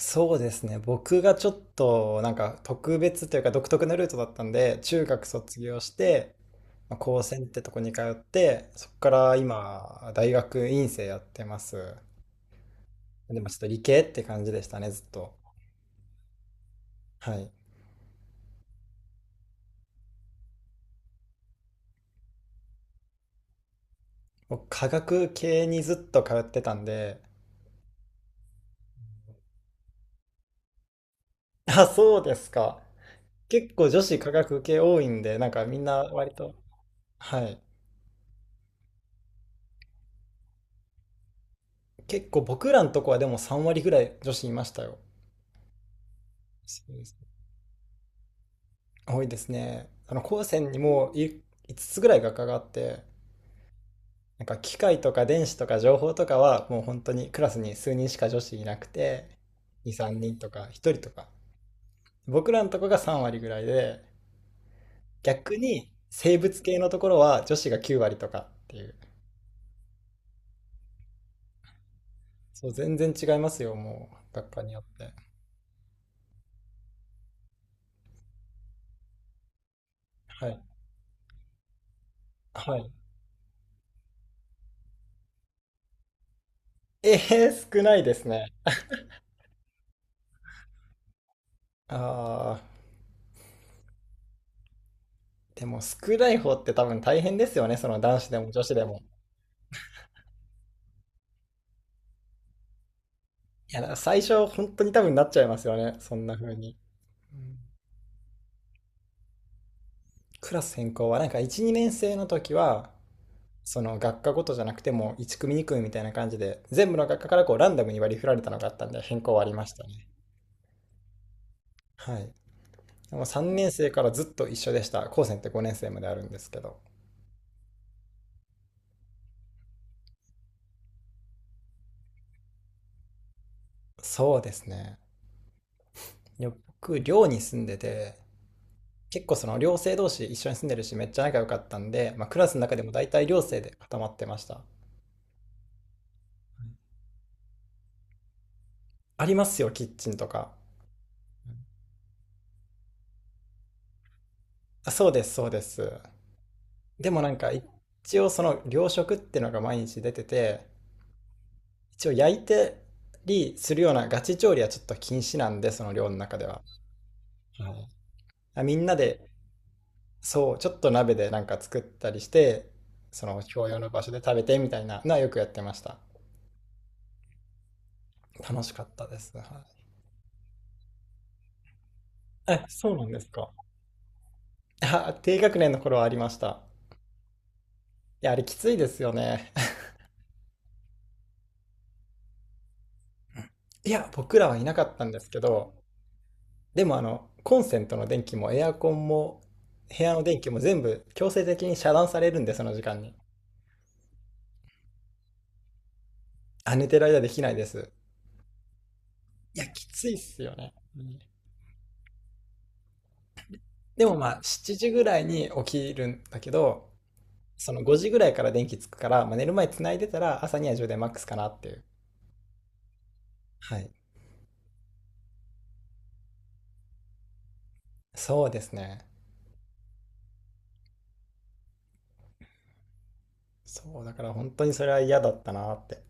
そうですね。僕がちょっとなんか特別というか独特なルートだったんで、中学卒業して、まあ、高専ってとこに通って、そこから今、大学院生やってます。でもちょっと理系って感じでしたね、ずっと。はい。僕、科学系にずっと通ってたんで、あ、そうですか。結構女子科学系多いんで、なんかみんな割と、はい。結構僕らのとこはでも3割ぐらい女子いましたよ。多いですね。あの、高専にも5つぐらい学科があって、なんか機械とか電子とか情報とかはもう本当にクラスに数人しか女子いなくて、2、3人とか1人とか。僕らのとこが3割ぐらいで、逆に生物系のところは女子が9割とかっていう。そう、全然違いますよ、もう、学科によって。はい。はい。えー、少ないですね。ああ、でも少ない方って多分大変ですよね、その男子でも女子でも。いや、だから最初、本当に多分なっちゃいますよね。そんな風に。うん。クラス変更は、なんか1、2年生の時は、その学科ごとじゃなくても1組2組みたいな感じで、全部の学科からこうランダムに割り振られたのがあったんで、変更はありましたね。はい。でも3年生からずっと一緒でした。高専って5年生まであるんですけど。そうですね。いや僕、寮に住んでて、結構その寮生同士一緒に住んでるし、めっちゃ仲良かったんで、まあ、クラスの中でも大体寮生で固まってました。ありますよ、キッチンとか。あそうです、そうです。でもなんか一応その糧食っていうのが毎日出てて、一応焼いてりするようなガチ調理はちょっと禁止なんで、その寮の中では。はい。あみんなで、そう、ちょっと鍋でなんか作ったりして、その共用の場所で食べてみたいなのはよくやってました。楽しかったです。はい。え、そうなんですか。あ、低学年の頃はありました。いや、あれきついですよね。いや、僕らはいなかったんですけど、でもコンセントの電気もエアコンも部屋の電気も全部強制的に遮断されるんで、その時間に。あ、寝てる間できないです。いや、きついっすよね。うん。でもまあ、7時ぐらいに起きるんだけど、その5時ぐらいから電気つくから、まあ、寝る前繋いでたら朝には充電マックスかなっていう。はい。そうですね。そう、だから本当にそれは嫌だったなって。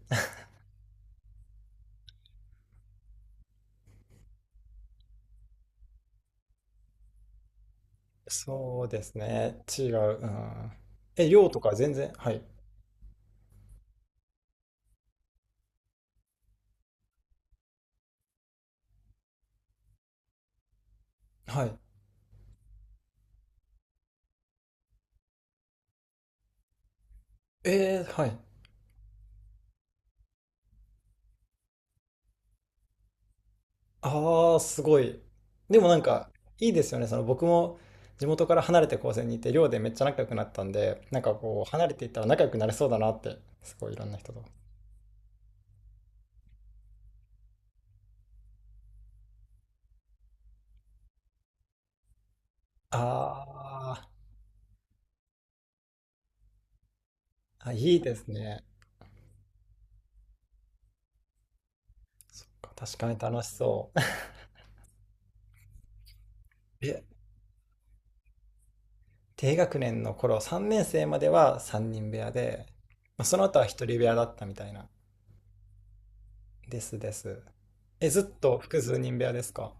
そうですね。違う。うん。え、量とか全然、はい。はい。えー、はい。ああ、すごい。でもなんか、いいですよね。その僕も地元から離れて高専にいて、寮でめっちゃ仲良くなったんで、なんかこう、離れていったら仲良くなれそうだなって、すごいいろんな人と。あーあ、いいですね。そっか、確かに楽しそう。え、低学年の頃、3年生までは3人部屋で、まあその後は1人部屋だったみたいな。ですです。え、ずっと複数人部屋ですか？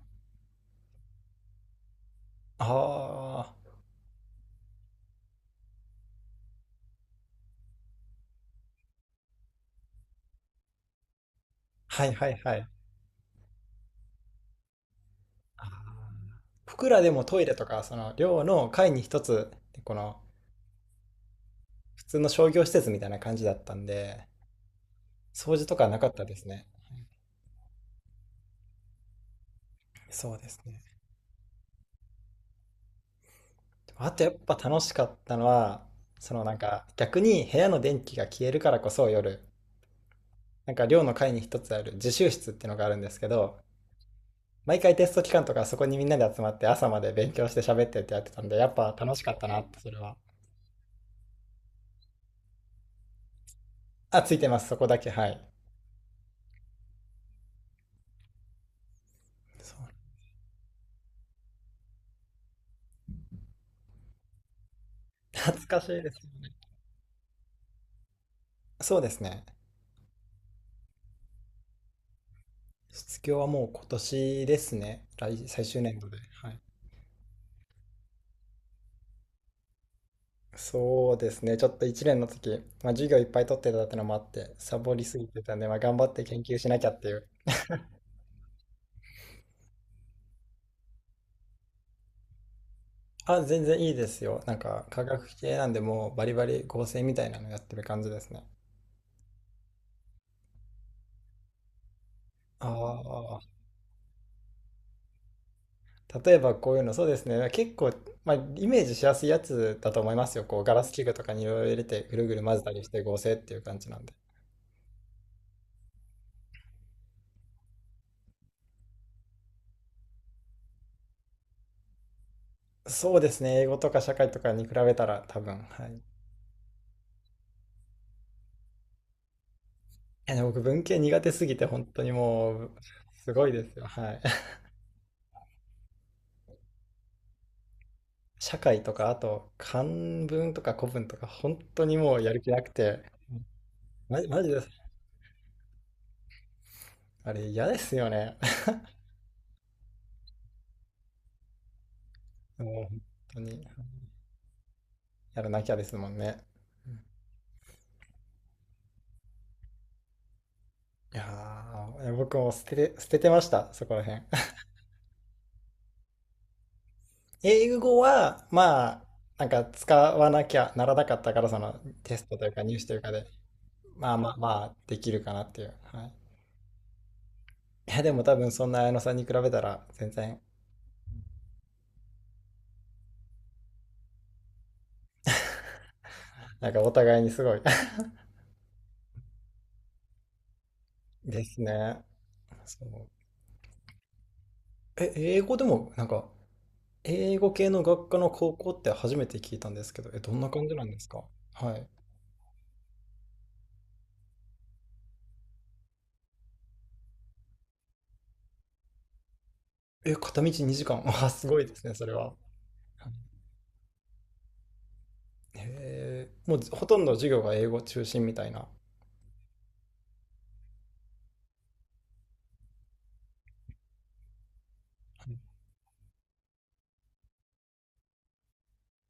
ああー、はいはいはい。僕らでもトイレとか、その寮の階に一つ、この普通の商業施設みたいな感じだったんで、掃除とかはなかったですね。そうですね。でもあとやっぱ楽しかったのは、そのなんか逆に部屋の電気が消えるからこそ夜、なんか寮の階に一つある自習室っていうのがあるんですけど、毎回テスト期間とかそこにみんなで集まって朝まで勉強して喋ってってやってたんで、やっぱ楽しかったなって、それは。あ、ついてます、そこだけ、はい。そう。懐かしいです。そうですね。卒業はもう今年ですね。最終年度で。はい。そうですね。ちょっと1年の時、まあ、授業いっぱい取ってたってのもあって、サボりすぎてたんで、まあ、頑張って研究しなきゃっていう。あ、全然いいですよ。なんか、科学系なんで、もうバリバリ合成みたいなのやってる感じですね。ああ、例えばこういうの、そうですね。結構、まあ、イメージしやすいやつだと思いますよ。こう、ガラス器具とかにいろいろ入れて、ぐるぐる混ぜたりして合成っていう感じなんで。そうですね。英語とか社会とかに比べたら多分、はい。や、でも僕文系苦手すぎて本当にもうすごいですよ。はい。社会とかあと漢文とか古文とか本当にもうやる気なくて、マジ、マジです。あれ嫌ですよね。もう本当にやらなきゃですもんね。いやー、僕も捨ててました、そこら辺。英語は、まあ、なんか使わなきゃならなかったから、そのテストというか入試というかで、まあまあまあ、できるかなっていう。はい。いや、でも多分そんな綾野さんに比べたら、全然なんかお互いにすごい ですね。そう。え、英語でも、なんか、英語系の学科の高校って初めて聞いたんですけど、え、どんな感じなんですか？はい。え、片道2時間。あ、すごいですね、それは。へえ、もうほとんど授業が英語中心みたいな。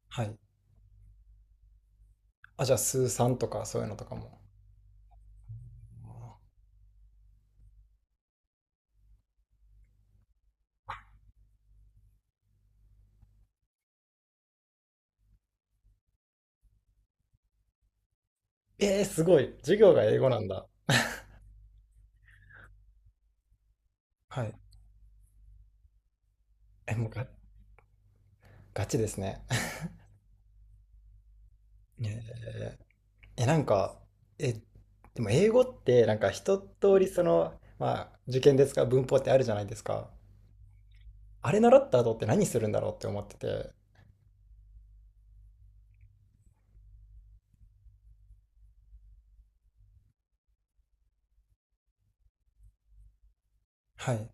はい。あ、じゃあ、数三とかそういうのとかも。えー、すごい。授業が英語なんだ。はい。え、もうが、ガチですね。ねえ、なんか、え、でも英語ってなんか一通りその、まあ、受験ですか、文法ってあるじゃないですか。あれ習った後って何するんだろうって思ってて。はい。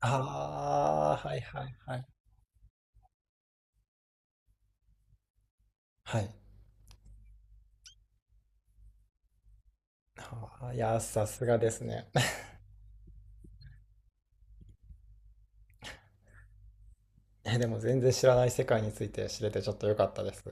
ああ、はいはいはい。はい。あーいやー、さすがですね。え、でも全然知らない世界について知れてちょっと良かったです。